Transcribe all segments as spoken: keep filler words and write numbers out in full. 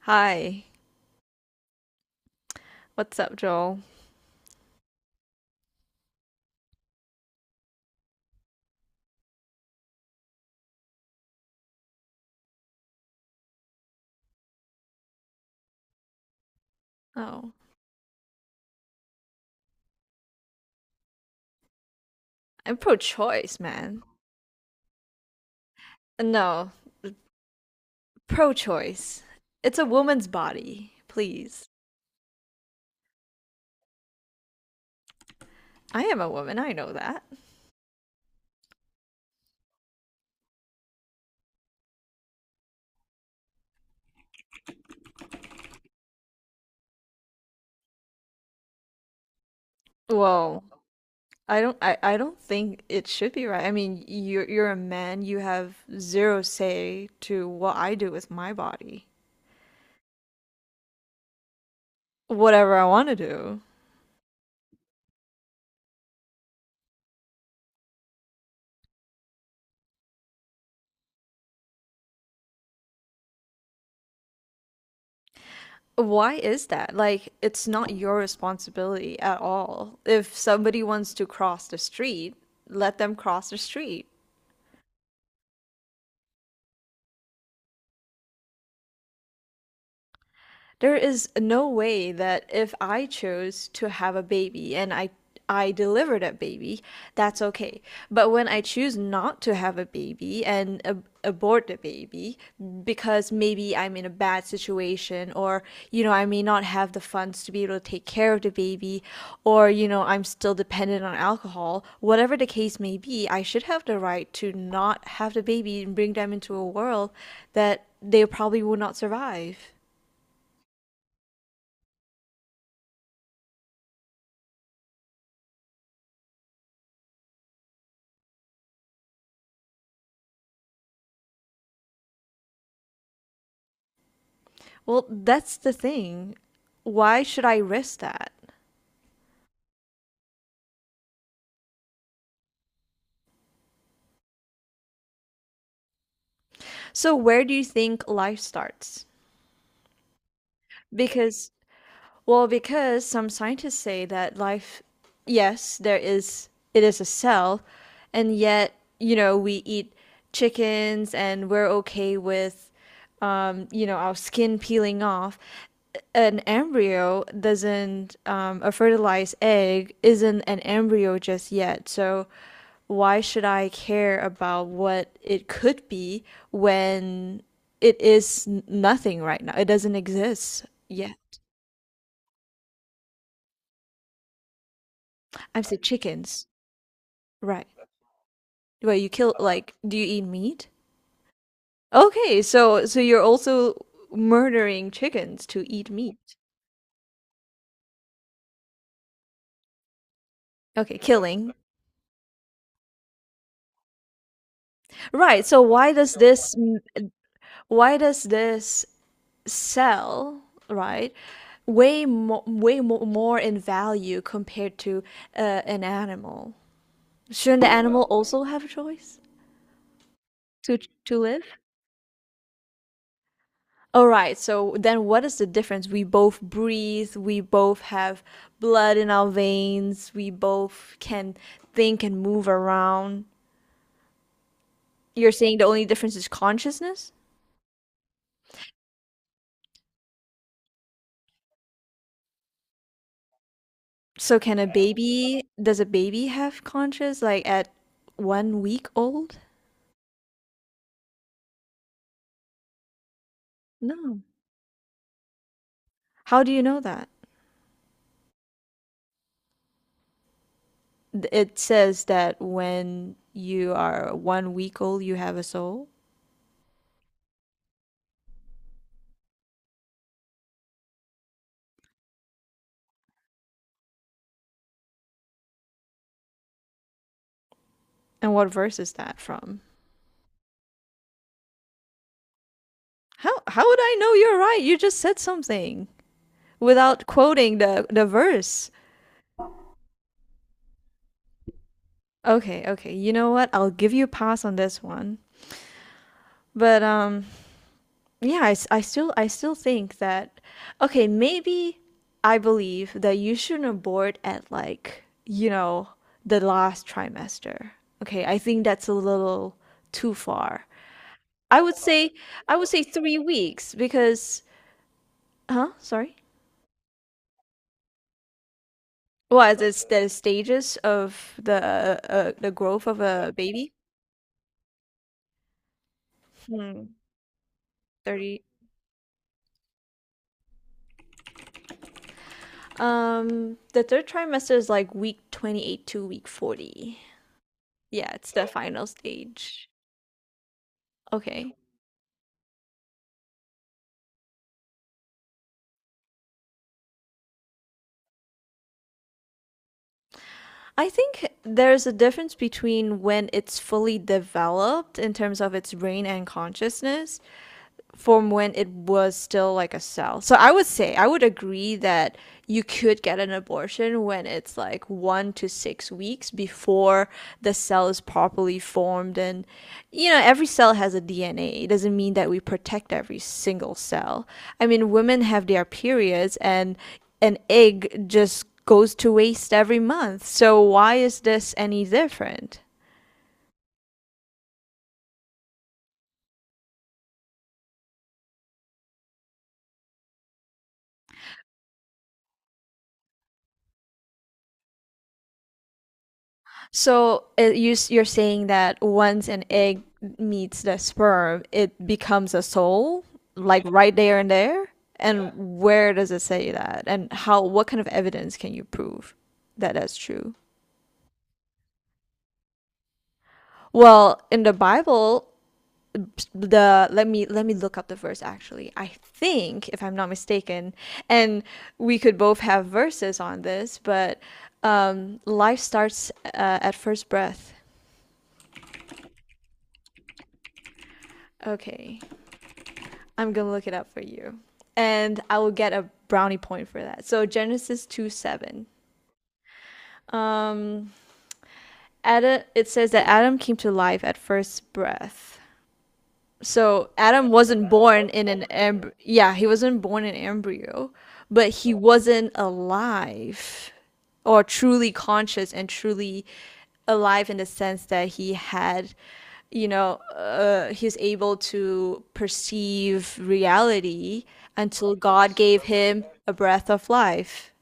Hi, what's up, Joel? Oh, I'm pro choice, man. No, pro choice. It's a woman's body, please. I am a woman, I know that. Well, I don't I, I don't think it should be right. I mean, you're you're a man, you have zero say to what I do with my body. Whatever I want to do. Why is that? Like, it's not your responsibility at all. If somebody wants to cross the street, let them cross the street. There is no way that if I chose to have a baby and I I deliver that baby, that's okay. But when I choose not to have a baby and ab- abort the baby because maybe I'm in a bad situation, or you know, I may not have the funds to be able to take care of the baby, or you know, I'm still dependent on alcohol, whatever the case may be, I should have the right to not have the baby and bring them into a world that they probably will not survive. Well, that's the thing. Why should I risk that? So, where do you think life starts? Because Well, because some scientists say that life, yes, there is, it is a cell, and yet, you know, we eat chickens and we're okay with, um, you know, our skin peeling off. An embryo doesn't, um, a fertilized egg isn't an embryo just yet. So why should I care about what it could be when it is n- nothing right now? It doesn't exist yet. I've said chickens. Right. Well, you kill, like, do you eat meat? Okay, so so you're also murdering chickens to eat meat. Okay, killing. Right. So why does this why does this sell, right? Way more way mo- more in value compared to uh, an animal. Shouldn't the animal also have a choice to to live? All right, so then what is the difference? We both breathe, we both have blood in our veins, we both can think and move around. You're saying the only difference is consciousness? So can a baby, does a baby have conscious like at one week old? No. How do you know that? Th- It says that when you are one week old, you have a soul. And what verse is that from? How how would I know you're right? You just said something. without quoting the, the verse. Okay, okay. You know what? I'll give you a pass on this one. But um yeah, I I still I still think that, okay, maybe I believe that you shouldn't abort at, like, you know, the last trimester. Okay, I think that's a little too far. I would say I would say three weeks because, huh? Sorry. Well, as it's the stages of the uh, the growth of a baby. Hmm. thirty Um, the third trimester is like week twenty-eight to week forty. Yeah, it's the final stage. Okay. I think there's a difference between when it's fully developed in terms of its brain and consciousness, from when it was still like a cell. So I would say, I would agree that you could get an abortion when it's like one to six weeks before the cell is properly formed. And, you know, every cell has a D N A. It doesn't mean that we protect every single cell. I mean, women have their periods, and an egg just goes to waste every month. So why is this any different? So it, you, s- you're saying that once an egg meets the sperm, it becomes a soul, like right there and there? And where does it say that? And how, what kind of evidence can you prove that that's true? Well, in the Bible, the let me let me look up the verse actually. I think, if I'm not mistaken, and we could both have verses on this, but um, life starts uh, at first breath. Okay. I'm gonna look it up for you. And I will get a brownie point for that. So Genesis two seven. Adam, it says that Adam came to life at first breath. So Adam wasn't born in an embryo. Yeah, he wasn't born in embryo, but he wasn't alive or truly conscious and truly alive in the sense that he had, you know, uh, he's able to perceive reality until God gave him a breath of life.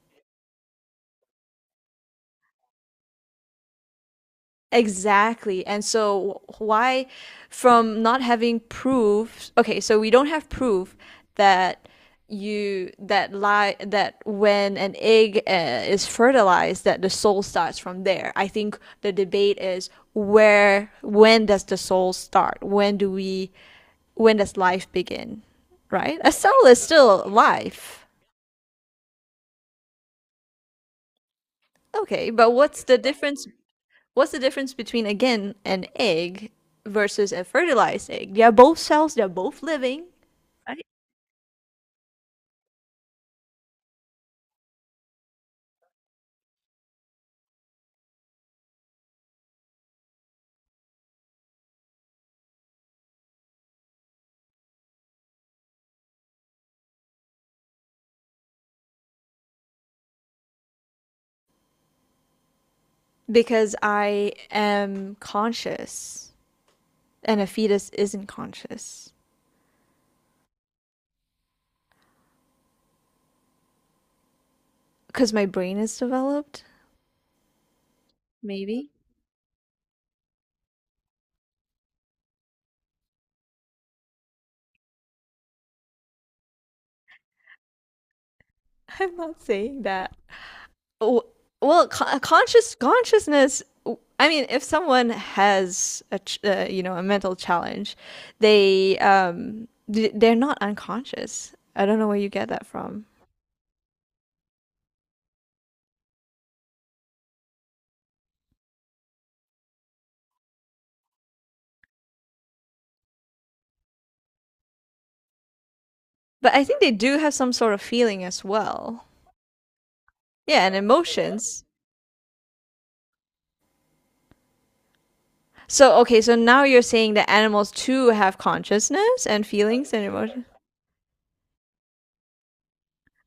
Exactly. And so why from not having proof, okay, so we don't have proof that you that lie that when an egg uh, is fertilized that the soul starts from there. I think the debate is where when does the soul start? When do we when does life begin? Right? A soul is still life. Okay, but what's the difference what's the difference between, again, an egg versus a fertilized egg? They are both cells, they're both living. Right. Because I am conscious and a fetus isn't conscious because my brain is developed. Maybe. I'm not saying that. Oh, well, co- conscious consciousness. I mean, if someone has a ch- uh, you know, a mental challenge, they um they're not unconscious. I don't know where you get that from. But I think they do have some sort of feeling as well. Yeah, and emotions. So okay, so now you're saying that animals too have consciousness and feelings and emotions.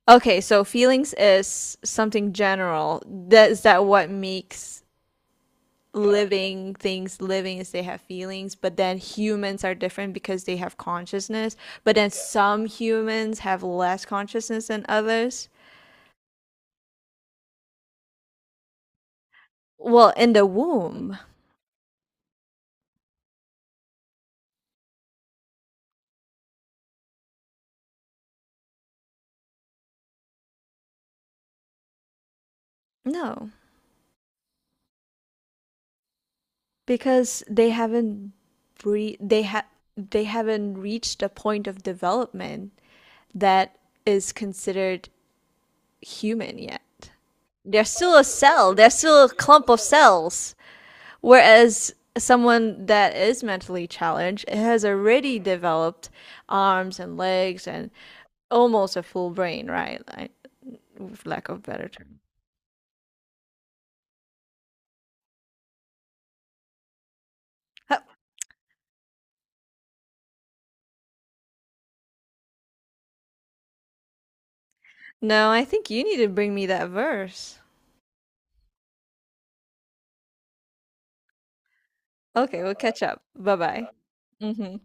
Okay, so feelings is something general. That is that what makes living things living is they have feelings, but then humans are different because they have consciousness, but then some humans have less consciousness than others. Well, in the womb. No. Because they haven't re- they ha- they haven't reached a point of development that is considered human yet. They're still a cell. They're still a clump of cells. Whereas someone that is mentally challenged has already developed arms and legs and almost a full brain, right? Like, with lack of better term. Huh. No, I think you need to bring me that verse. Okay, we'll catch up. Bye bye. Hmm.